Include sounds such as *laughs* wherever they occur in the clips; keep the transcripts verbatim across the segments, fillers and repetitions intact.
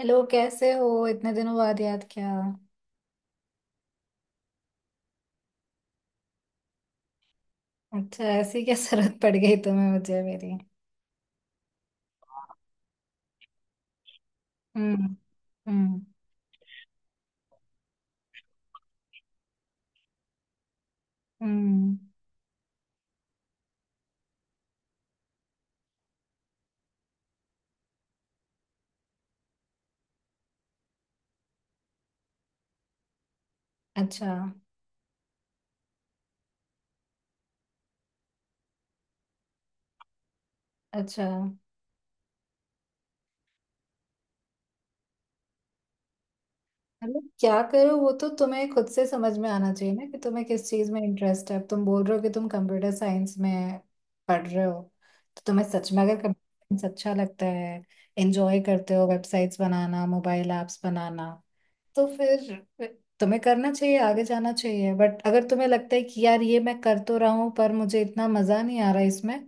Hello. कैसे हो? इतने दिनों बाद याद किया। अच्छा, ऐसी क्या जरूरत पड़ गई तुम्हें? मुझे मेरी। हम्म। हम्म। हम्म। अच्छा। अच्छा। मतलब क्या करो, वो तो तुम्हें खुद से समझ में आना चाहिए ना कि तुम्हें किस चीज में इंटरेस्ट है। अब तुम बोल रहे हो कि तुम कंप्यूटर साइंस में पढ़ रहे हो। तो तुम्हें सच में अगर कंप्यूटर साइंस अच्छा लगता है, एंजॉय करते हो वेबसाइट्स बनाना, मोबाइल ऐप्स बनाना, तो फिर तुम्हें करना चाहिए, आगे जाना चाहिए। बट अगर तुम्हें लगता है कि यार ये मैं कर तो रहा हूं पर मुझे इतना मजा नहीं आ रहा इसमें,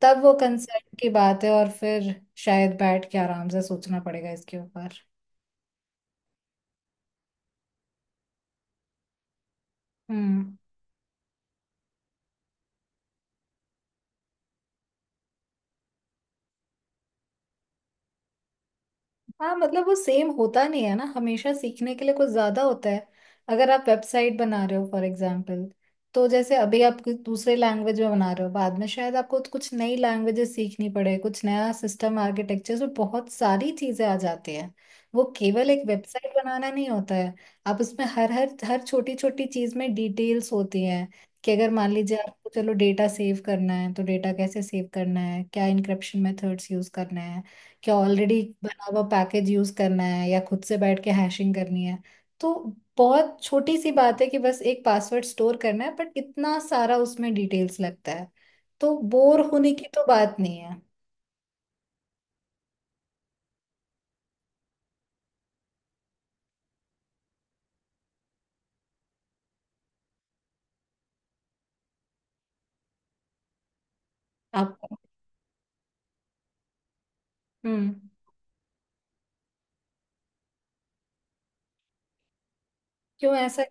तब वो कंसर्न की बात है। और फिर शायद बैठ के आराम से सोचना पड़ेगा इसके ऊपर। हम्म। हाँ, मतलब वो सेम होता नहीं है ना, हमेशा सीखने के लिए कुछ ज्यादा होता है। अगर आप वेबसाइट बना रहे हो फॉर एग्जाम्पल, तो जैसे अभी आप कुछ दूसरे लैंग्वेज में बना रहे हो, बाद में शायद आपको तो कुछ नई लैंग्वेजेस सीखनी पड़े, कुछ नया सिस्टम आर्किटेक्चर, तो बहुत सारी चीजें आ जाती हैं। वो केवल एक वेबसाइट बनाना नहीं होता है। आप उसमें हर हर हर छोटी छोटी चीज में डिटेल्स होती हैं कि अगर मान लीजिए आपको चलो डेटा सेव करना है, तो डेटा कैसे सेव करना है, क्या इनक्रिप्शन मेथड्स यूज करना है, क्या ऑलरेडी बना हुआ पैकेज यूज करना है या खुद से बैठ के हैशिंग करनी है। तो बहुत छोटी सी बात है कि बस एक पासवर्ड स्टोर करना है, बट इतना सारा उसमें डिटेल्स लगता है। तो बोर होने की तो बात नहीं है। आपको। हम्म। क्यों ऐसा?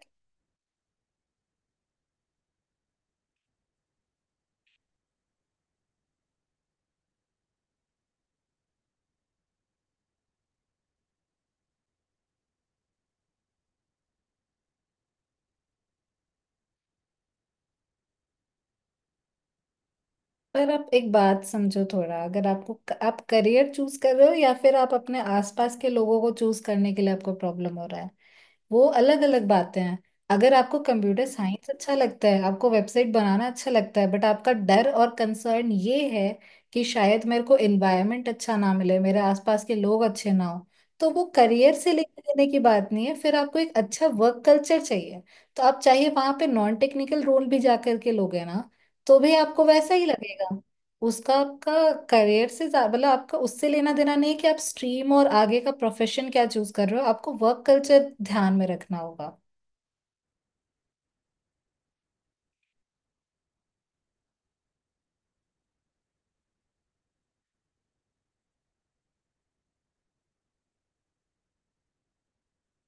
पर आप एक बात समझो थोड़ा, अगर आपको आप करियर चूज कर रहे हो, या फिर आप अपने आसपास के लोगों को चूज करने के लिए आपको प्रॉब्लम हो रहा है, वो अलग अलग बातें हैं। अगर आपको कंप्यूटर साइंस अच्छा लगता है, आपको वेबसाइट बनाना अच्छा लगता है, बट आपका डर और कंसर्न ये है कि शायद मेरे को एनवायरनमेंट अच्छा ना मिले, मेरे आसपास के लोग अच्छे ना हो, तो वो करियर से लेकर देने की बात नहीं है। फिर आपको एक अच्छा वर्क कल्चर चाहिए। तो आप चाहिए वहां पे नॉन टेक्निकल रोल भी जा करके लोगे ना, तो भी आपको वैसा ही लगेगा। उसका आपका करियर से ज्या- मतलब आपका उससे लेना देना नहीं है कि आप स्ट्रीम और आगे का प्रोफेशन क्या चूज कर रहे हो, आपको वर्क कल्चर ध्यान में रखना होगा।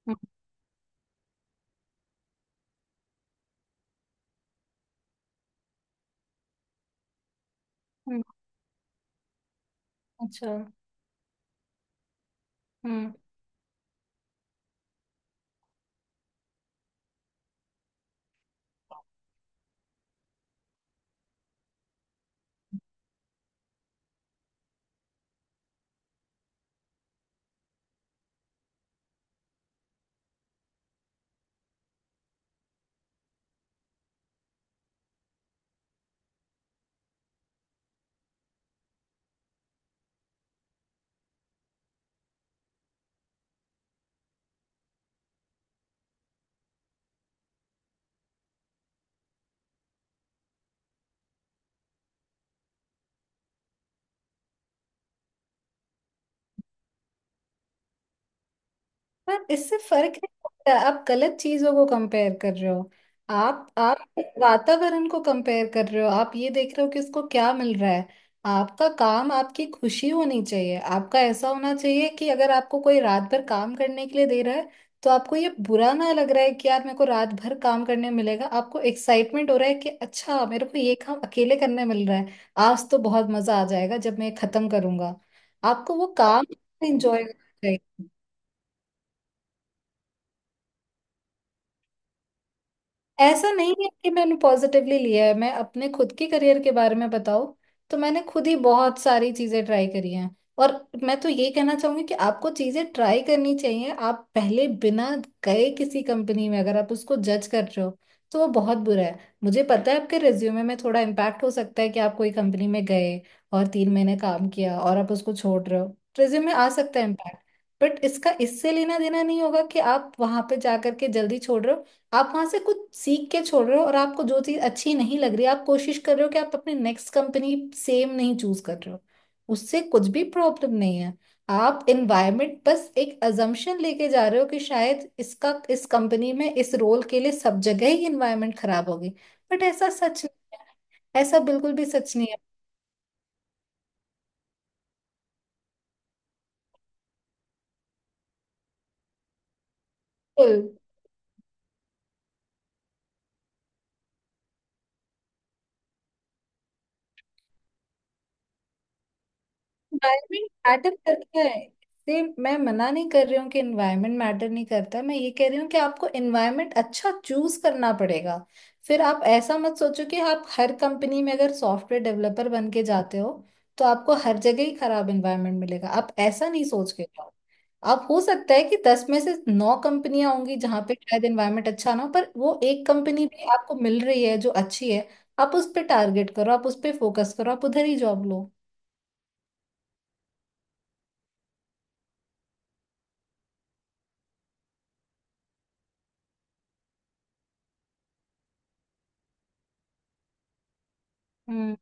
हम्म। हम्म। अच्छा। हम्म। पर इससे फर्क नहीं पड़ता, आप गलत चीजों को कंपेयर कर रहे हो। आप आप वातावरण को कंपेयर कर रहे हो, आप ये देख रहे हो कि उसको क्या मिल रहा है। आपका काम आपकी खुशी होनी चाहिए। आपका ऐसा होना चाहिए कि अगर आपको कोई रात भर काम करने के लिए दे रहा है, तो आपको ये बुरा ना लग रहा है कि यार मेरे को रात भर काम करने मिलेगा, आपको एक्साइटमेंट हो रहा है कि अच्छा मेरे को ये काम अकेले करने मिल रहा है, आज तो बहुत मजा आ जाएगा जब मैं ये खत्म करूंगा। आपको वो काम एंजॉय करना चाहिए। ऐसा नहीं है कि मैंने पॉजिटिवली लिया है। मैं अपने खुद के करियर के बारे में बताऊँ, तो मैंने खुद ही बहुत सारी चीज़ें ट्राई करी हैं। और मैं तो ये कहना चाहूंगी कि आपको चीज़ें ट्राई करनी चाहिए। आप पहले बिना गए किसी कंपनी में अगर आप उसको जज कर रहे हो, तो वो बहुत बुरा है। मुझे पता है आपके रिज्यूमे में थोड़ा इम्पैक्ट हो सकता है कि आप कोई कंपनी में गए और तीन महीने काम किया और आप उसको छोड़ रहे हो, रिज्यूमे आ सकता है इम्पैक्ट। बट इसका इससे लेना देना नहीं होगा कि आप वहां पे जा करके जल्दी छोड़ रहे हो। आप वहां से कुछ सीख के छोड़ रहे हो और आपको जो चीज अच्छी नहीं लग रही, आप कोशिश कर रहे हो कि आप अपने नेक्स्ट कंपनी सेम नहीं चूज कर रहे हो। उससे कुछ भी प्रॉब्लम नहीं है। आप एनवायरनमेंट बस एक अजम्पशन लेके जा रहे हो कि शायद इसका इस कंपनी में इस रोल के लिए सब जगह ही एनवायरनमेंट खराब होगी। बट ऐसा सच नहीं है, ऐसा बिल्कुल भी सच नहीं है। बिल्कुल। इन्वायरमेंट मैटर करता है, इससे मैं मना नहीं कर रही हूँ कि इन्वायरमेंट मैटर नहीं करता। मैं ये कह रही हूँ कि आपको इन्वायरमेंट अच्छा चूज करना पड़ेगा। फिर आप ऐसा मत सोचो कि आप हर कंपनी में अगर सॉफ्टवेयर डेवलपर बन के जाते हो, तो आपको हर जगह ही खराब इन्वायरमेंट मिलेगा, आप ऐसा नहीं सोच के जाओ। आप हो सकता है कि दस में से नौ कंपनियां होंगी जहां पे शायद इन्वायरमेंट अच्छा ना हो, पर वो एक कंपनी भी आपको मिल रही है जो अच्छी है। आप उस पर टारगेट करो, आप उस पर फोकस करो, आप उधर ही जॉब लो। हम्म।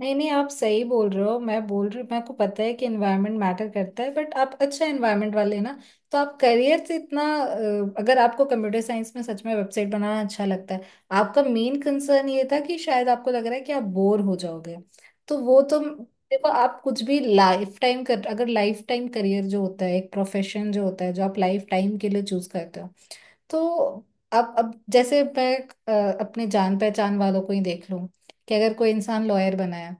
नहीं नहीं, आप सही बोल रहे हो, मैं बोल रही हूँ मेरे को पता है कि एनवायरनमेंट मैटर करता है, बट आप अच्छा एनवायरनमेंट वाले हैं ना। तो आप करियर से इतना अ, अगर आपको कंप्यूटर साइंस में सच में वेबसाइट बनाना अच्छा लगता है, आपका मेन कंसर्न ये था कि शायद आपको लग रहा है कि आप बोर हो जाओगे, तो वो तो। देखो, आप कुछ भी लाइफ टाइम कर अगर लाइफ टाइम करियर जो होता है, एक प्रोफेशन जो होता है जो आप लाइफ टाइम के लिए चूज करते हो, तो आप अब जैसे मैं अ, अपने जान पहचान वालों को ही देख लूं कि अगर कोई इंसान लॉयर बना है,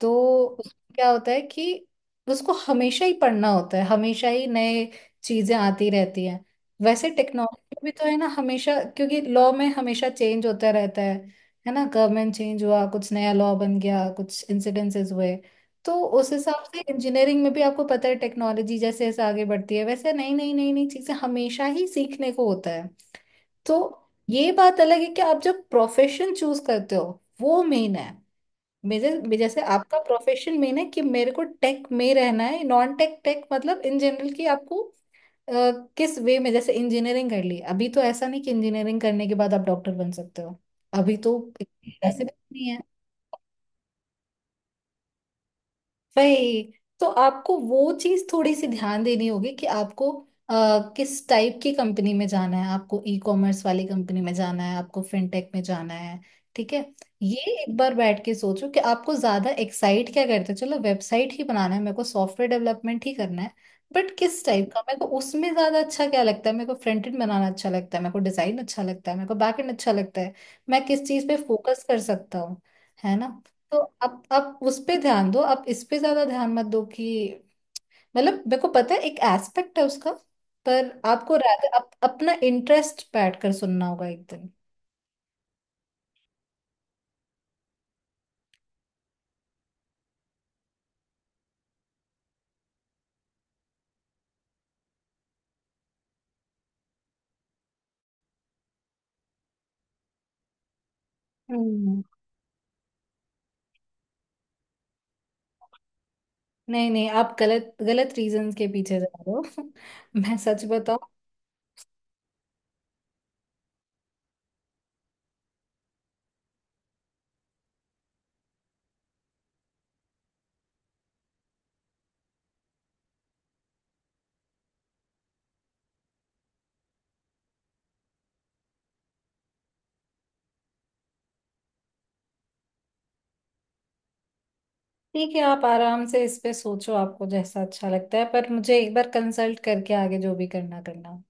तो उसमें क्या होता है कि उसको हमेशा ही पढ़ना होता है, हमेशा ही नए चीजें आती रहती हैं। वैसे टेक्नोलॉजी भी तो है ना हमेशा, क्योंकि लॉ में हमेशा चेंज होता रहता है है ना? गवर्नमेंट चेंज हुआ, कुछ नया लॉ बन गया, कुछ इंसिडेंसेस हुए। तो उस हिसाब से इंजीनियरिंग में भी आपको पता है, टेक्नोलॉजी जैसे जैसे आगे बढ़ती है, वैसे नई नई नई नई चीजें हमेशा ही सीखने को होता है। तो ये बात अलग है कि आप जब प्रोफेशन चूज करते हो, वो मेन है। मेरे मे- जैसे आपका प्रोफेशन मेन है कि मेरे को टेक में रहना है, नॉन टेक, टेक मतलब इन जनरल, कि आपको अ, किस वे में, जैसे इंजीनियरिंग कर ली अभी, तो ऐसा नहीं कि इंजीनियरिंग करने के बाद आप डॉक्टर बन सकते हो। अभी तो ऐसे भी नहीं, वही। तो आपको वो चीज थोड़ी सी ध्यान देनी होगी कि आपको अ, किस टाइप की कंपनी में जाना है, आपको ई कॉमर्स वाली कंपनी में जाना है, आपको फिनटेक में जाना है। ठीक है। ये एक बार बैठ के सोचो कि आपको ज्यादा एक्साइट क्या करते हो, चलो वेबसाइट ही बनाना है, मेरे को सॉफ्टवेयर डेवलपमेंट ही करना है, बट किस टाइप का मेरे को उसमें ज्यादा अच्छा क्या लगता है। मेरे को फ्रंट एंड बनाना अच्छा लगता है, मेरे को डिजाइन अच्छा लगता है, मेरे को बैक एंड अच्छा लगता है, मैं किस चीज पे फोकस कर सकता हूँ, है ना? तो अब अब उस पे ध्यान दो, आप इस पे ज्यादा ध्यान मत दो कि, मतलब मेरे को पता है एक एस्पेक्ट है उसका, पर आपको rather अप, अपना इंटरेस्ट बैठ कर सुनना होगा एक दिन। हम्म। नहीं नहीं, आप गलत गलत रीजन के पीछे जा रहे हो। *laughs* मैं सच बताऊं। ठीक है, आप आराम से इस पे सोचो, आपको जैसा अच्छा लगता है, पर मुझे एक बार कंसल्ट करके आगे जो भी करना करना।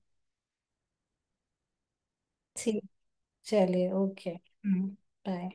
ठीक। चलिए, ओके। हम्म। बाय।